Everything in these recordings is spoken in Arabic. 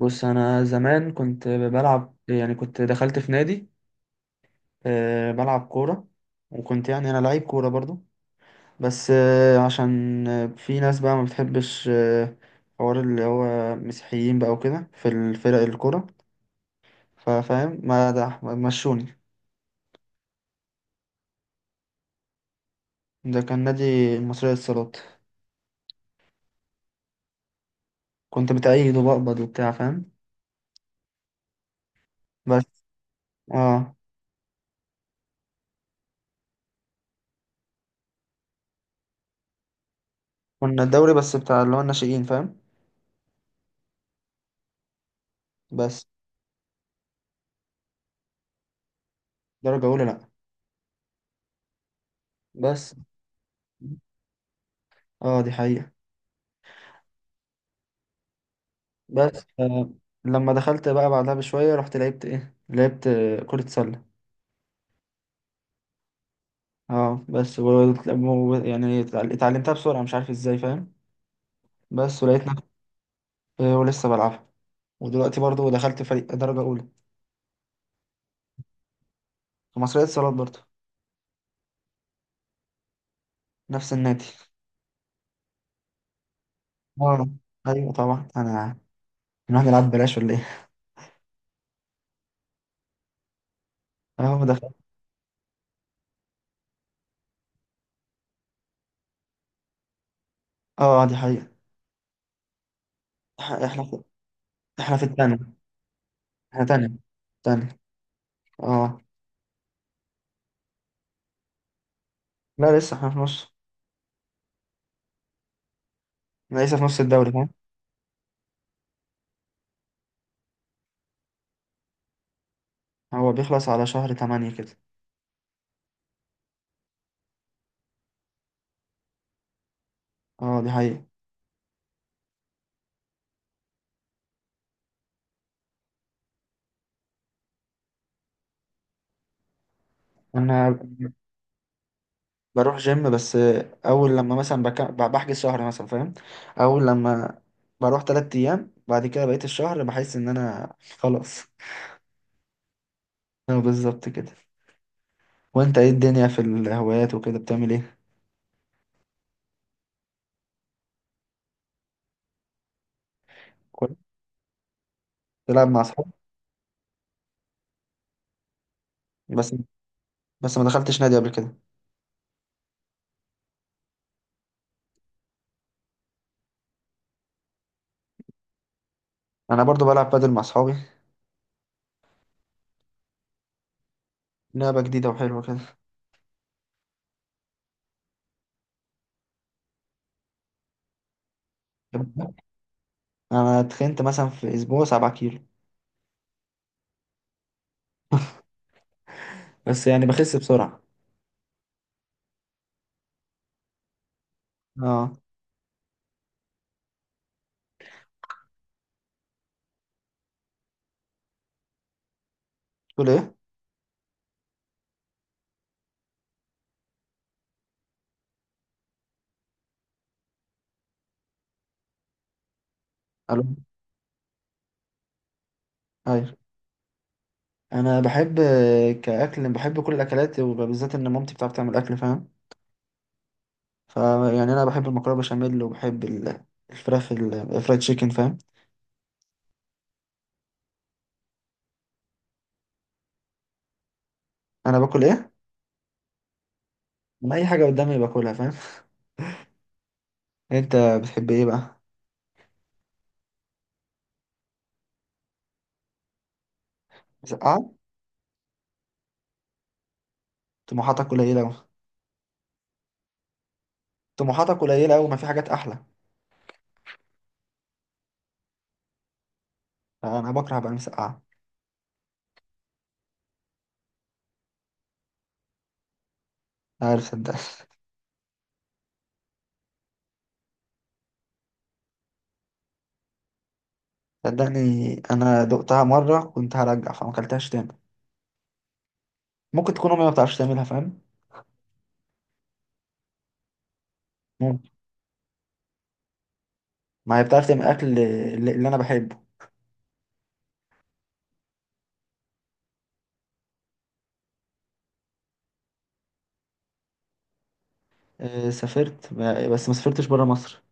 بص، انا زمان كنت بلعب، يعني كنت دخلت في نادي، بلعب كوره. وكنت يعني انا لعيب كوره برضو، بس عشان في ناس بقى ما بتحبش، حوار اللي هو مسيحيين بقى وكده في الفرق الكوره. ففاهم، ما ده ما مشوني. ده كان نادي المصرية للصالات. كنت بتأيد وبقبض وبتاع فاهم. بس. اه. كنا الدوري بس بتاع اللي هو الناشئين فاهم. بس. درجة أولى لأ. بس. اه، دي حقيقة. بس لما دخلت بقى بعدها بشوية، رحت لعبت لعبت كرة سلة. اه بس يعني اتعلمتها بسرعة، مش عارف ازاي فاهم. بس ولقيت نفسي. ولسه بلعبها. ودلوقتي برضو دخلت فريق درجة أولى في مصرية اتصالات برضو. نفس النادي. اه، ايوه طبعا انا نروح نلعب بلاش ولا ايه. اه، ما دخلت. اه، دي حقيقة. إح- احنا في... احنا في التانية. احنا تانية. تانية. اه. لا، لسه احنا في نص. أنا لسه في نص الدوري فاهم. هو بيخلص على شهر 8 كده. اه، دي حقيقة. انا بروح جيم بس. اول لما مثلا بحجز شهر مثلا فاهم. اول لما بروح 3 ايام، بعد كده بقيت الشهر بحس ان انا خلاص. اه بالظبط كده. وانت ايه الدنيا في الهوايات وكده، بتعمل ايه؟ كويس. تلعب مع اصحابك. بس بس ما دخلتش نادي قبل كده. انا برضو بلعب بادل مع اصحابي. لعبة جديدة وحلوة كده. انا اتخنت مثلا في اسبوع 7 كيلو. بس يعني بخس بسرعة. اه. تقول ايه؟ الو. ايوه، انا بحب. بحب كل الاكلات، وبالذات ان مامتي بتعرف تعمل اكل فاهم. فيعني انا بحب المكرونه بشاميل، وبحب الفراخ، الفرايد تشيكن فاهم. انا باكل ايه؟ انا اي حاجه قدامي باكلها فاهم. انت بتحب ايه بقى؟ مسقعه؟ طموحاتك قليله أوي. طموحاتك قليله أوي، ما في حاجات احلى؟ انا بكره بقى المسقعه. عارف، صدقني. صدقني، انا دقتها مره كنت هرجع، فما اكلتهاش تاني. ممكن تكون امي ما بتعرفش تعملها فاهم. ممكن. ما هي بتعرف تعمل اكل اللي انا بحبه. سافرت بس ما سافرتش برا مصر.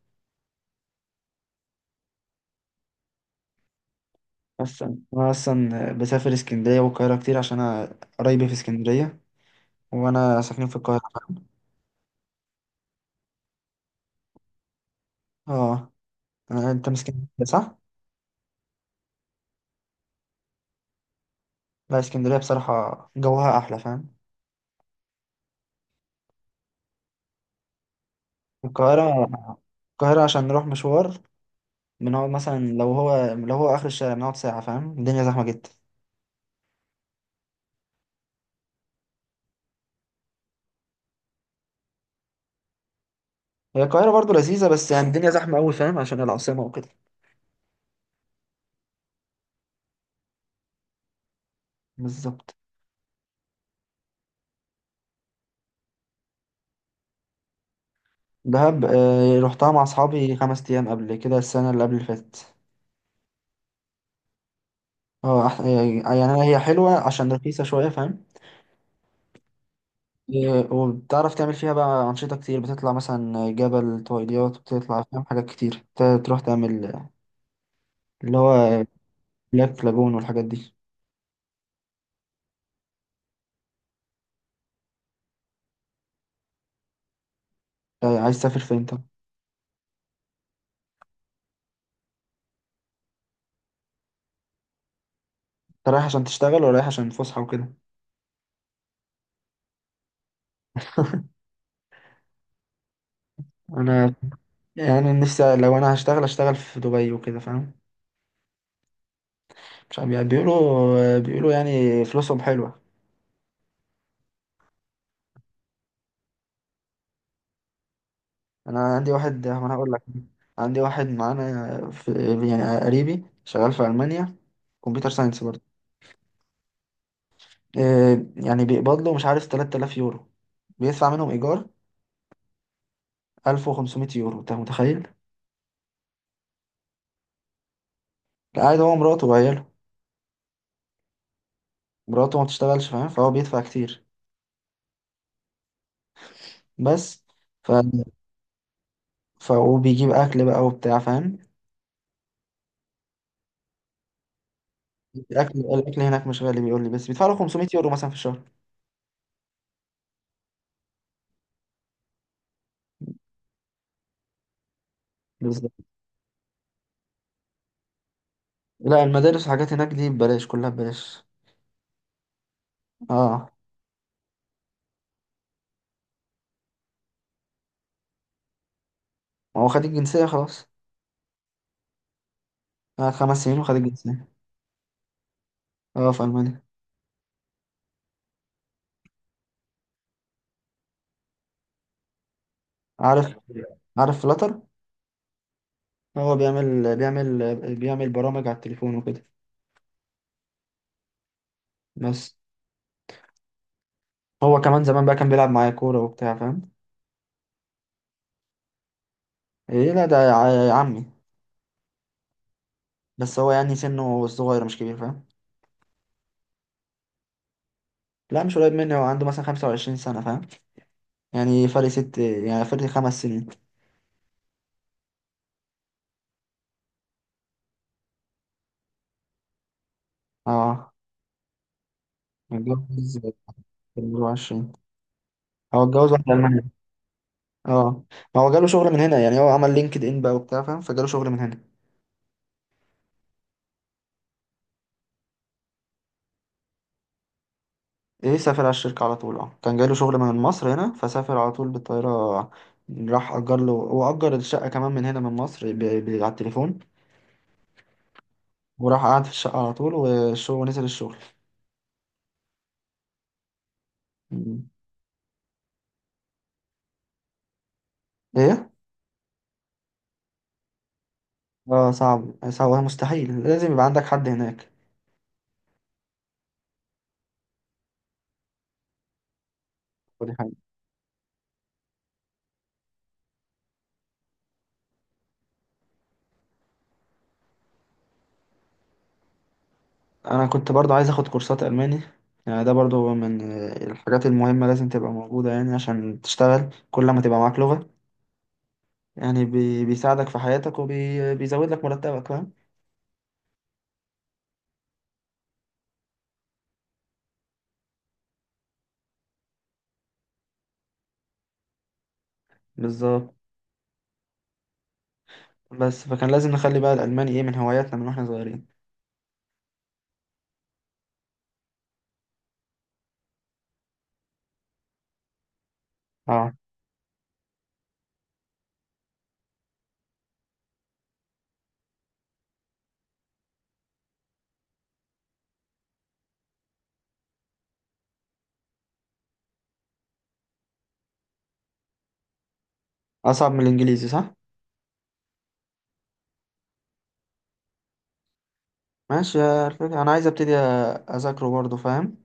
بس انا اصلا بسافر اسكندريه والقاهره كتير، عشان انا قرايبي في اسكندريه، وانا ساكنين في القاهره. اه. انت من اسكندريه صح؟ لا، اسكندريه بصراحه جوها احلى فاهم. القاهره. القاهره عشان نروح مشوار، بنقعد مثلا لو هو لو هو اخر الشارع بنقعد ساعه فاهم. الدنيا زحمه جدا. هي القاهره برضو لذيذه، بس يعني الدنيا زحمه قوي فاهم، عشان العاصمه وكده. بالظبط. دهب رحتها مع اصحابي 5 ايام قبل كده، السنه اللي قبل اللي فاتت. اه. يعني أنا، هي حلوة عشان رخيصة شوية فاهم. وبتعرف تعمل فيها بقى أنشطة كتير. بتطلع مثلا جبل طويليات، بتطلع فاهم حاجات كتير تروح تعمل، اللي هو بلاك لاجون والحاجات دي. عايز تسافر فين انت؟ انت رايح عشان تشتغل ولا رايح عشان فسحة وكده؟ أنا، يعني نفسي لو أنا هشتغل أشتغل في دبي وكده فاهم. مش عارف، يعني بيقولوا يعني فلوسهم حلوة. انا عندي واحد، ما انا هقول لك. عندي واحد معانا في، يعني قريبي، شغال في المانيا. كمبيوتر ساينس برضه. يعني بيقبض له مش عارف 3000 يورو. بيدفع منهم ايجار 1500 يورو، انت متخيل. قاعد هو، مراته وعياله. مراته ما بتشتغلش فاهم، فهو بيدفع كتير. بس ف... وبيجيب اكل بقى وبتاع فاهم. الاكل هناك مش غالي، بيقول لي بس بيدفع له 500 يورو مثلا في الشهر. بالظبط. لا، المدارس والحاجات هناك دي ببلاش، كلها ببلاش. اه، ما هو خد الجنسية خلاص. آه، 5 سنين وخد الجنسية. اه، في ألمانيا. عارف. عارف فلاتر؟ هو بيعمل برامج على التليفون وكده. بس. هو كمان زمان بقى كان بيلعب معايا كورة وبتاع فاهم. ايه لا، ده عمي. بس هو يعني سنه صغير مش كبير فاهم. لا، مش قريب مني. هو عنده مثلا 25 سنة فاهم، يعني فرق ست، يعني فرق 5 سنين. اه، متجوز في 24. هو اتجوز واحدة ألمانية. اه ما هو جاله شغل من هنا. يعني هو عمل لينكد إن بقى وبتاع فاهم، فجاله شغل من هنا. ايه، سافر على الشركة على طول. اه كان جايله شغل من مصر هنا، فسافر على طول بالطيارة. راح أجر له، وأجر الشقة كمان من هنا من مصر على التليفون. وراح قعد في الشقة على طول، والشغل، ونزل الشغل. مم. ايه. اه، صعب صعب مستحيل، لازم يبقى عندك حد هناك. ودي حاجة. أنا كنت برضو عايز أخد كورسات ألماني. يعني ده برضو من الحاجات المهمة، لازم تبقى موجودة يعني عشان تشتغل. كل ما تبقى معاك لغة يعني بيساعدك في حياتك، وبيزود لك مرتبك فاهم. بالظبط. بس فكان لازم نخلي بقى الألماني من هواياتنا من واحنا صغيرين. اه، أصعب من الإنجليزي صح؟ ماشي. يا الفكرة أنا عايز أبتدي أذاكره برضه فاهم؟